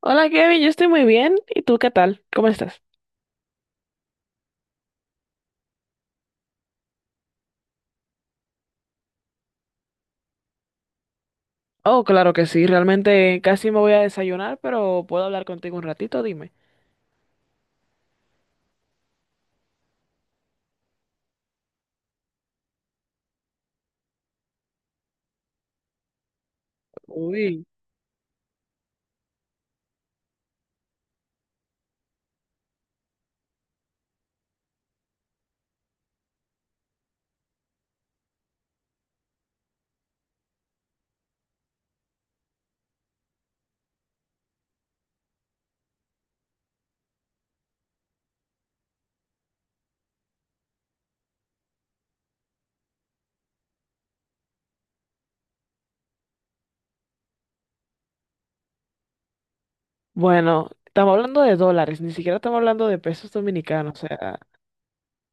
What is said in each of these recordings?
Hola Kevin, yo estoy muy bien. ¿Y tú qué tal? ¿Cómo estás? Oh, claro que sí, realmente casi me voy a desayunar, pero puedo hablar contigo un ratito, dime. Uy. Bueno, estamos hablando de dólares, ni siquiera estamos hablando de pesos dominicanos, o sea,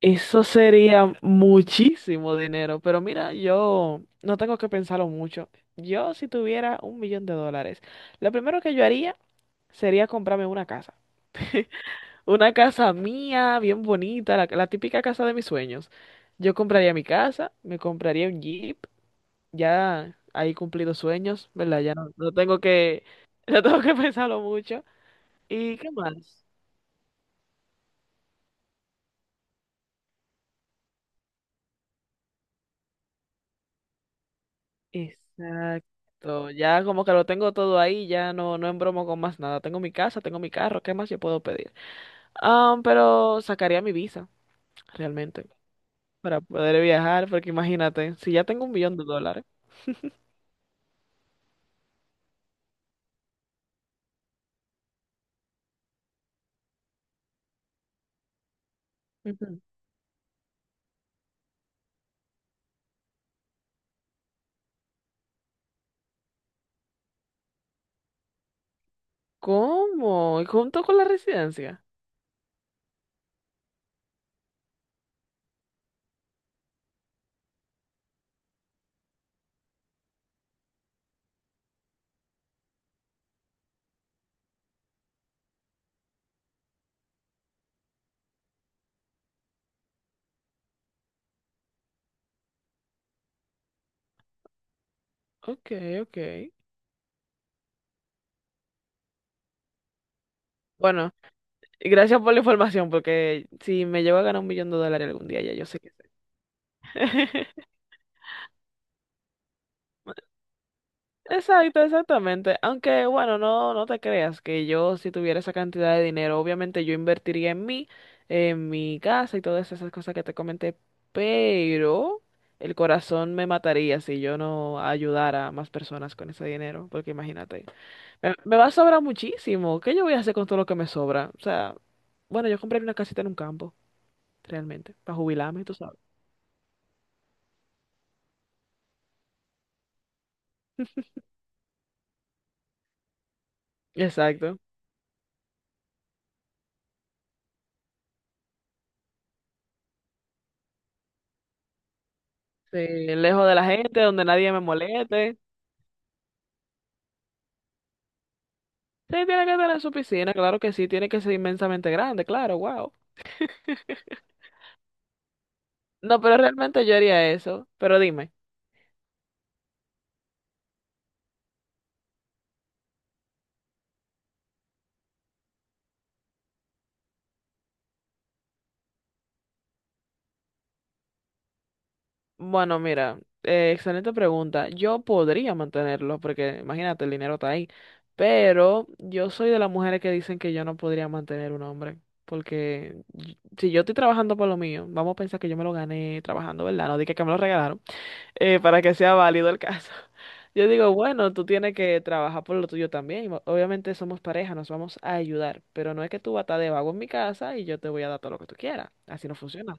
eso sería muchísimo dinero, pero mira, yo no tengo que pensarlo mucho. Yo si tuviera un millón de dólares, lo primero que yo haría sería comprarme una casa. Una casa mía, bien bonita, la típica casa de mis sueños. Yo compraría mi casa, me compraría un Jeep, ya ahí cumplido sueños, ¿verdad? Ya no, no tengo que, no tengo que pensarlo mucho. ¿Y qué más? Exacto, ya como que lo tengo todo ahí, ya no, no embromo con más nada. Tengo mi casa, tengo mi carro, ¿qué más yo puedo pedir? Ah, pero sacaría mi visa, realmente, para poder viajar, porque imagínate, si ya tengo un millón de dólares. Ujú. ¿Cómo? ¿Y junto con la residencia? Ok, ok. Bueno, y gracias por la información, porque si me llevo a ganar un millón de dólares algún día, ya yo sé que sé. Exacto, exactamente. Aunque, bueno, no, no te creas que yo si tuviera esa cantidad de dinero, obviamente yo invertiría en mí, en mi casa y todas esas cosas que te comenté, pero el corazón me mataría si yo no ayudara a más personas con ese dinero, porque imagínate. Me va a sobrar muchísimo. ¿Qué yo voy a hacer con todo lo que me sobra? O sea, bueno, yo compré una casita en un campo, realmente, para jubilarme, tú sabes. Exacto. Sí, lejos de la gente, donde nadie me moleste. Sí, tiene que tener su piscina, claro que sí, tiene que ser inmensamente grande, claro, wow. No, pero realmente yo haría eso. Pero dime. Bueno, mira, excelente pregunta. Yo podría mantenerlo, porque imagínate, el dinero está ahí. Pero yo soy de las mujeres que dicen que yo no podría mantener un hombre. Porque si yo estoy trabajando por lo mío, vamos a pensar que yo me lo gané trabajando, ¿verdad? No dije que me lo regalaron, para que sea válido el caso. Yo digo, bueno, tú tienes que trabajar por lo tuyo también. Obviamente somos pareja, nos vamos a ayudar. Pero no es que tú vas a estar de vago en mi casa y yo te voy a dar todo lo que tú quieras. Así no funciona.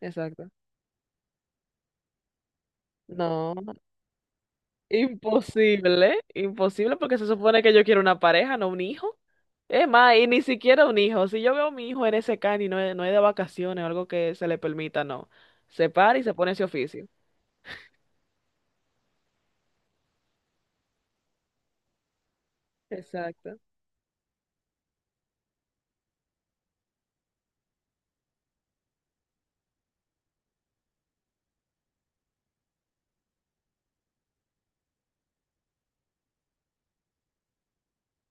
Exacto. No. Imposible, imposible porque se supone que yo quiero una pareja, no un hijo. Es más, y ni siquiera un hijo. Si yo veo a mi hijo en ese can y no es de vacaciones o algo que se le permita, no. Se para y se pone ese oficio. Exacto.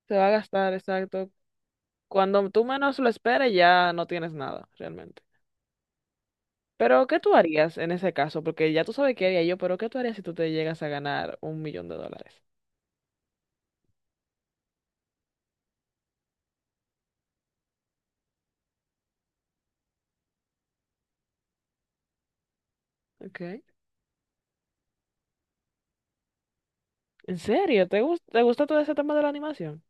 Se va a gastar, exacto. Cuando tú menos lo esperes, ya no tienes nada, realmente. Pero, ¿qué tú harías en ese caso? Porque ya tú sabes qué haría yo, pero ¿qué tú harías si tú te llegas a ganar un millón de dólares? Ok. ¿En serio? ¿Te gusta todo ese tema de la animación?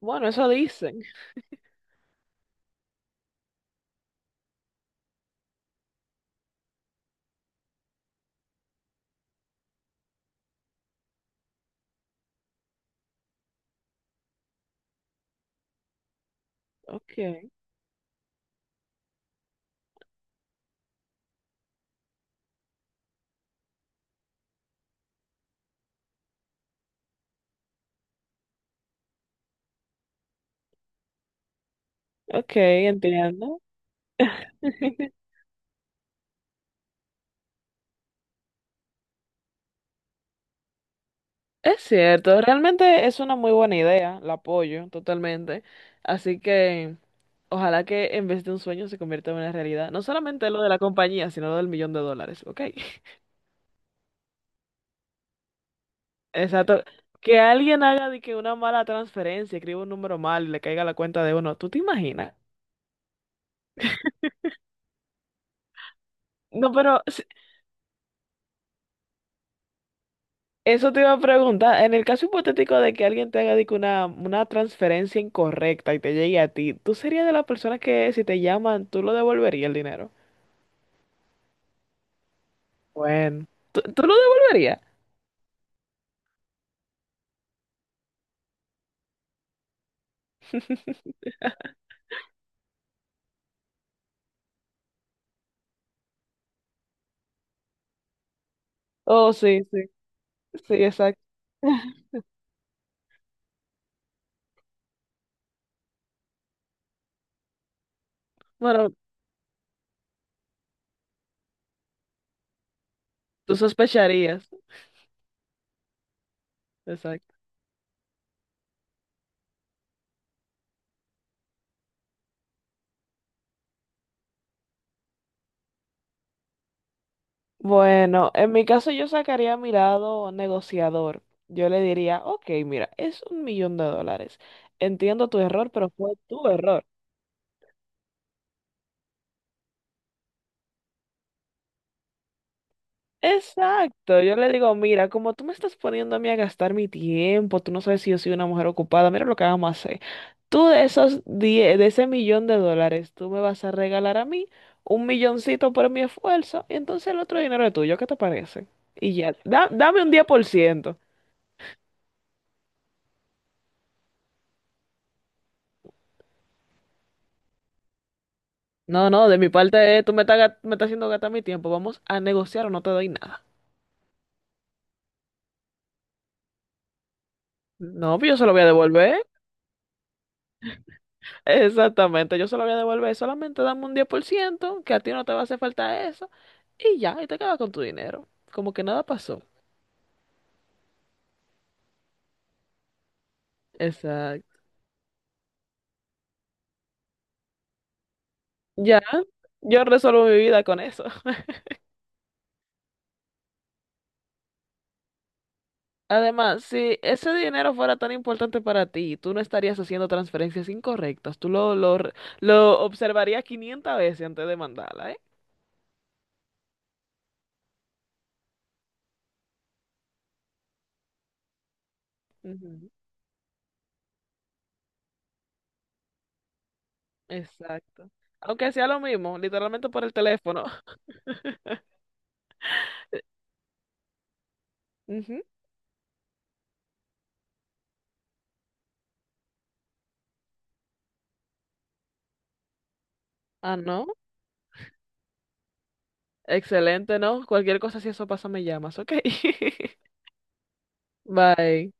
Bueno, eso dicen. Ok. Ok, entiendo. Es cierto, realmente es una muy buena idea, la apoyo totalmente. Así que ojalá que en vez de un sueño se convierta en una realidad. No solamente lo de la compañía, sino lo del millón de dólares, ¿ok? Exacto. Que alguien haga de que una mala transferencia, escriba un número mal y le caiga a la cuenta de uno. ¿Tú te imaginas? No, pero si, eso te iba a preguntar. En el caso hipotético de que alguien te haga de que una transferencia incorrecta y te llegue a ti, ¿tú serías de las personas que si te llaman, tú lo devolverías el dinero? Bueno, ¿tú lo devolverías? Oh, sí, sí, sí, exacto. Bueno, tú sospecharías. Exacto. Bueno, en mi caso yo sacaría a mi lado negociador. Yo le diría, ok, mira, es un millón de dólares. Entiendo tu error, pero fue tu error. Exacto, yo le digo, mira, como tú me estás poniendo a mí a gastar mi tiempo, tú no sabes si yo soy una mujer ocupada, mira lo que vamos a hacer. Tú de esos de ese millón de dólares, tú me vas a regalar a mí un milloncito por mi esfuerzo y entonces el otro dinero es tuyo, ¿qué te parece? Y ya, dame un 10%. No, no, de mi parte, tú me estás, me estás haciendo gastar mi tiempo, vamos a negociar o no te doy nada. No, pues yo se lo voy a devolver. Exactamente, yo se lo voy a devolver. Solamente dame un 10% que a ti no te va a hacer falta eso. Y ya, y te quedas con tu dinero. Como que nada pasó. Exacto. Ya, yo resuelvo mi vida con eso. Además, si ese dinero fuera tan importante para ti, tú no estarías haciendo transferencias incorrectas. Tú lo observarías 500 veces antes de mandarla, ¿eh? Ujú, exacto. Aunque sea lo mismo, literalmente por el teléfono. Ujú. Ah, no. Excelente, ¿no? Cualquier cosa, si eso pasa, me llamas, ¿ok? Bye.